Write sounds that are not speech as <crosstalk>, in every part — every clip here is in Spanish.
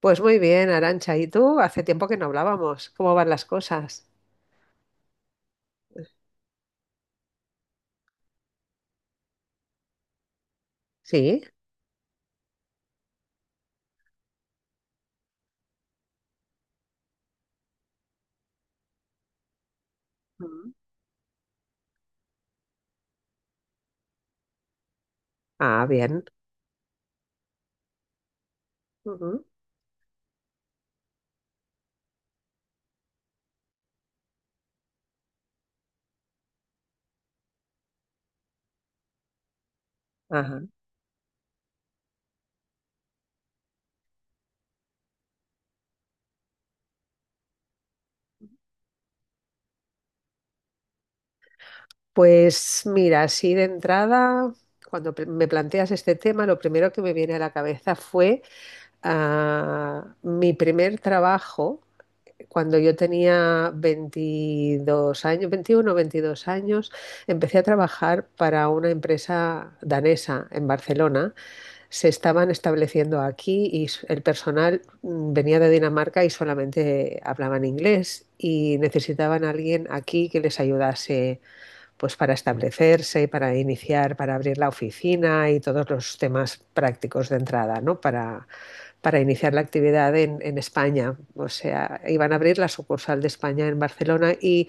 Pues muy bien, Arancha. ¿Y tú? Hace tiempo que no hablábamos. ¿Cómo van las cosas? Sí. Ah, bien. Ujú. Ajá. Pues mira, así de entrada, cuando me planteas este tema, lo primero que me viene a la cabeza fue mi primer trabajo. Cuando yo tenía 22 años, 21 22 años, empecé a trabajar para una empresa danesa en Barcelona. Se estaban estableciendo aquí y el personal venía de Dinamarca y solamente hablaban inglés y necesitaban a alguien aquí que les ayudase, pues, para establecerse, para iniciar, para abrir la oficina y todos los temas prácticos de entrada, ¿no? Para iniciar la actividad en España. O sea, iban a abrir la sucursal de España en Barcelona,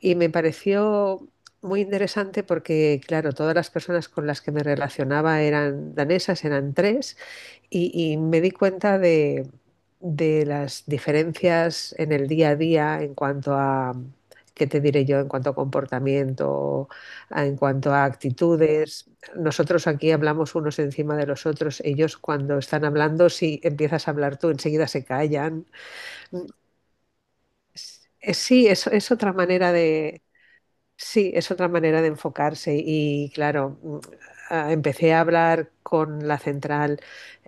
y me pareció muy interesante porque, claro, todas las personas con las que me relacionaba eran danesas, eran tres, y me di cuenta de las diferencias en el día a día en cuanto a, ¿qué te diré yo? En cuanto a comportamiento, en cuanto a actitudes. Nosotros aquí hablamos unos encima de los otros. Ellos, cuando están hablando, si empiezas a hablar tú, enseguida se callan. Sí, es otra manera de... Sí, es otra manera de enfocarse. Y claro, empecé a hablar con la central.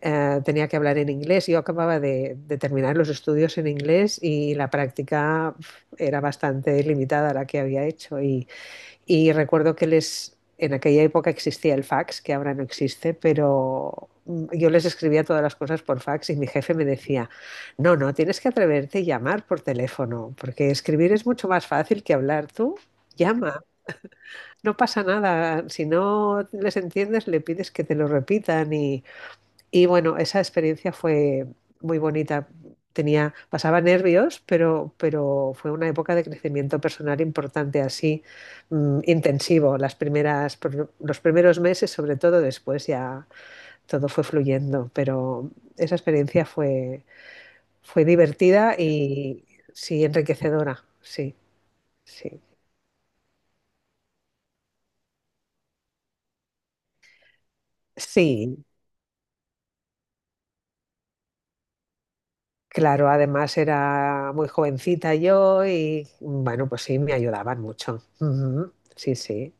Tenía que hablar en inglés, yo acababa de terminar los estudios en inglés y la práctica, uf, era bastante limitada la que había hecho. Y y recuerdo que les, en aquella época existía el fax, que ahora no existe, pero yo les escribía todas las cosas por fax y mi jefe me decía: no, no, tienes que atreverte y llamar por teléfono, porque escribir es mucho más fácil que hablar tú. Llama, no pasa nada, si no les entiendes, le pides que te lo repitan. Y y bueno, esa experiencia fue muy bonita. Tenía, pasaba nervios, pero fue una época de crecimiento personal importante, así, intensivo. Las primeras, los primeros meses, sobre todo, después ya todo fue fluyendo. Pero esa experiencia fue divertida y... sí, enriquecedora, sí, sí. Sí, claro, además era muy jovencita yo, y bueno, pues sí, me ayudaban mucho. Ujú. Sí, sí.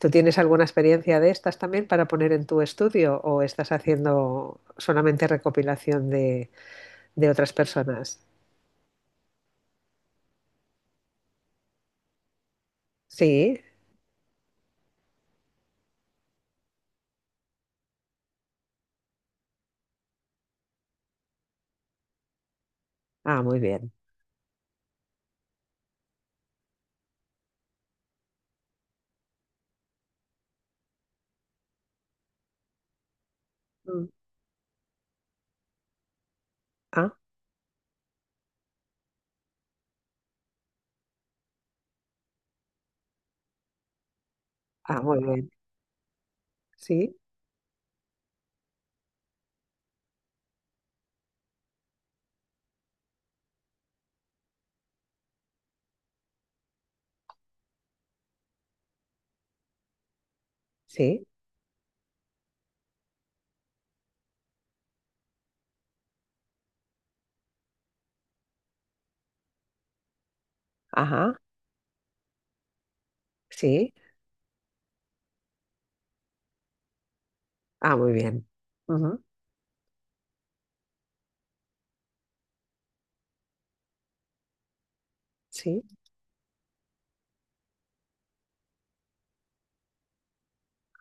¿Tú tienes alguna experiencia de estas también para poner en tu estudio o estás haciendo solamente recopilación de, otras personas? Sí. Ah, muy bien. Mm. Ah, ah, muy bien. Sí, sí. Ajá, sí. Ah, muy bien. Ujú. Sí.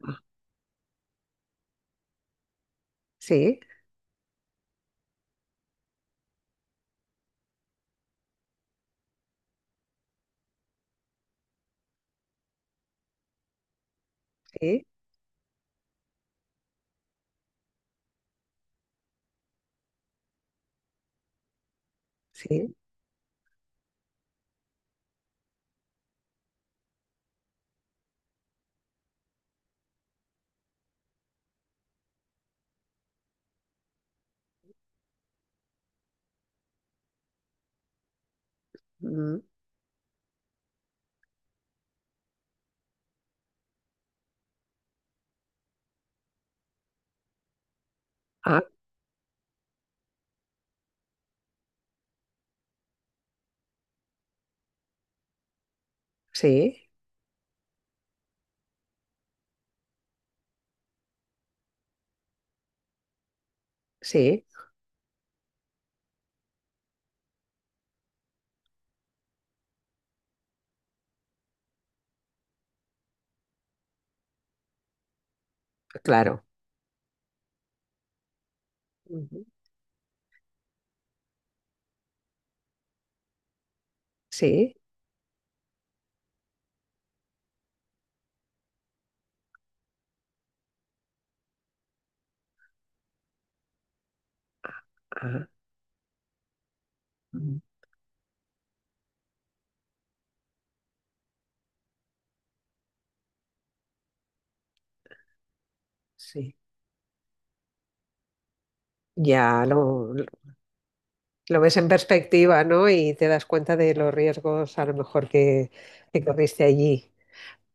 Ah, sí, sí, sí. Mm. Ah, sí, sí, claro. Sí. Ah. Ujú. Sí. Ya lo ves en perspectiva, ¿no? Y te das cuenta de los riesgos, a lo mejor, que corriste allí.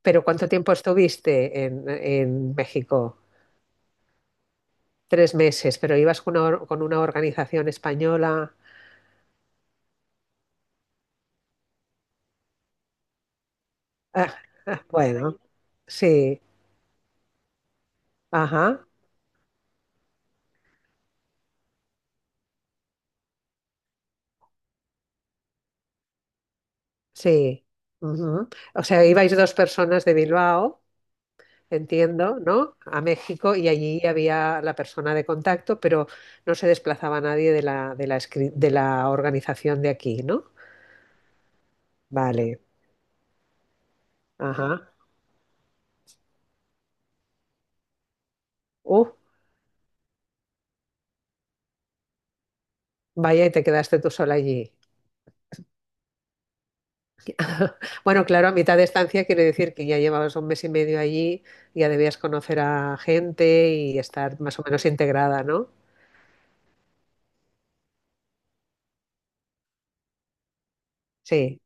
Pero ¿cuánto tiempo estuviste en, México? 3 meses, pero ibas con con una organización española. Ah, ah, bueno, sí, ajá, sí. Ujú. O sea, ibais dos personas de Bilbao, entiendo, ¿no? A México, y allí había la persona de contacto, pero no se desplazaba nadie de la, de la organización de aquí, ¿no? Vale, ajá. Uh, vaya, y te quedaste tú sola allí. <laughs> Bueno, claro, a mitad de estancia quiere decir que ya llevabas un mes y medio allí, ya debías conocer a gente y estar más o menos integrada, ¿no? Sí,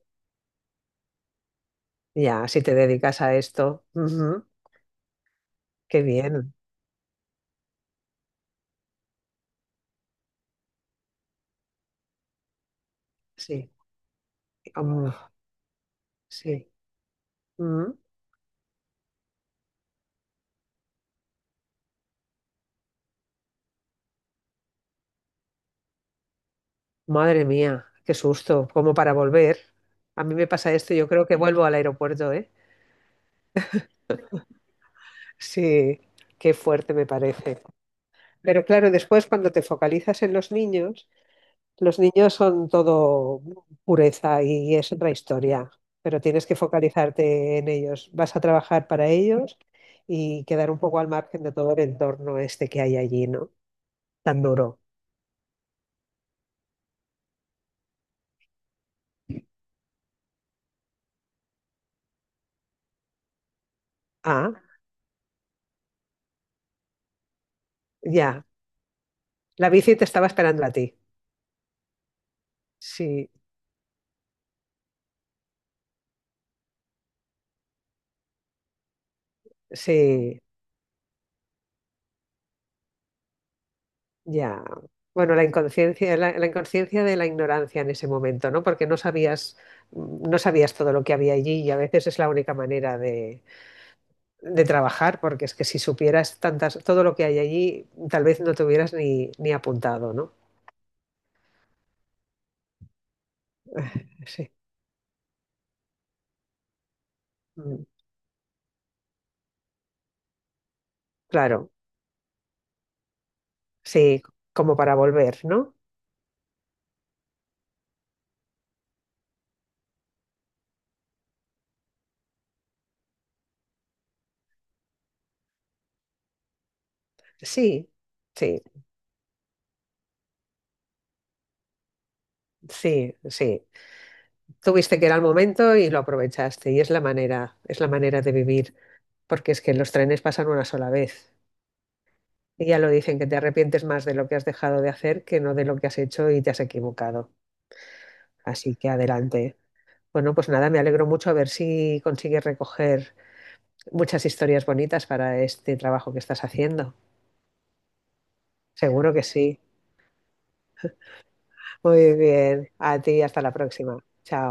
ya, si te dedicas a esto. Ujú. Qué bien, sí. Um, sí. Madre mía, qué susto, como para volver. A mí me pasa esto, yo creo que vuelvo al aeropuerto, ¿eh? Sí, qué fuerte me parece. Pero claro, después, cuando te focalizas en los niños son todo pureza y es otra historia, pero tienes que focalizarte en ellos. Vas a trabajar para ellos y quedar un poco al margen de todo el entorno este que hay allí, ¿no? Tan duro. Ah, ya, la bici te estaba esperando a ti. Sí, sí. Ya. Bueno, la inconsciencia, la inconsciencia de la ignorancia en ese momento, ¿no? Porque no sabías, no sabías todo lo que había allí, y a veces es la única manera de, trabajar, porque es que si supieras tantas, todo lo que hay allí, tal vez no te hubieras ni, apuntado, ¿no? <laughs> Sí. Mm, claro, sí, como para volver, ¿no? Sí, sí, sí, sí. Tuviste que era el momento y lo aprovechaste, y es la manera de vivir, porque es que los trenes pasan una sola vez. Y ya lo dicen, que te arrepientes más de lo que has dejado de hacer que no de lo que has hecho y te has equivocado. Así que adelante. Bueno, pues nada, me alegro mucho. A ver si consigues recoger muchas historias bonitas para este trabajo que estás haciendo. Seguro que sí. Muy bien. A ti, hasta la próxima. Chao.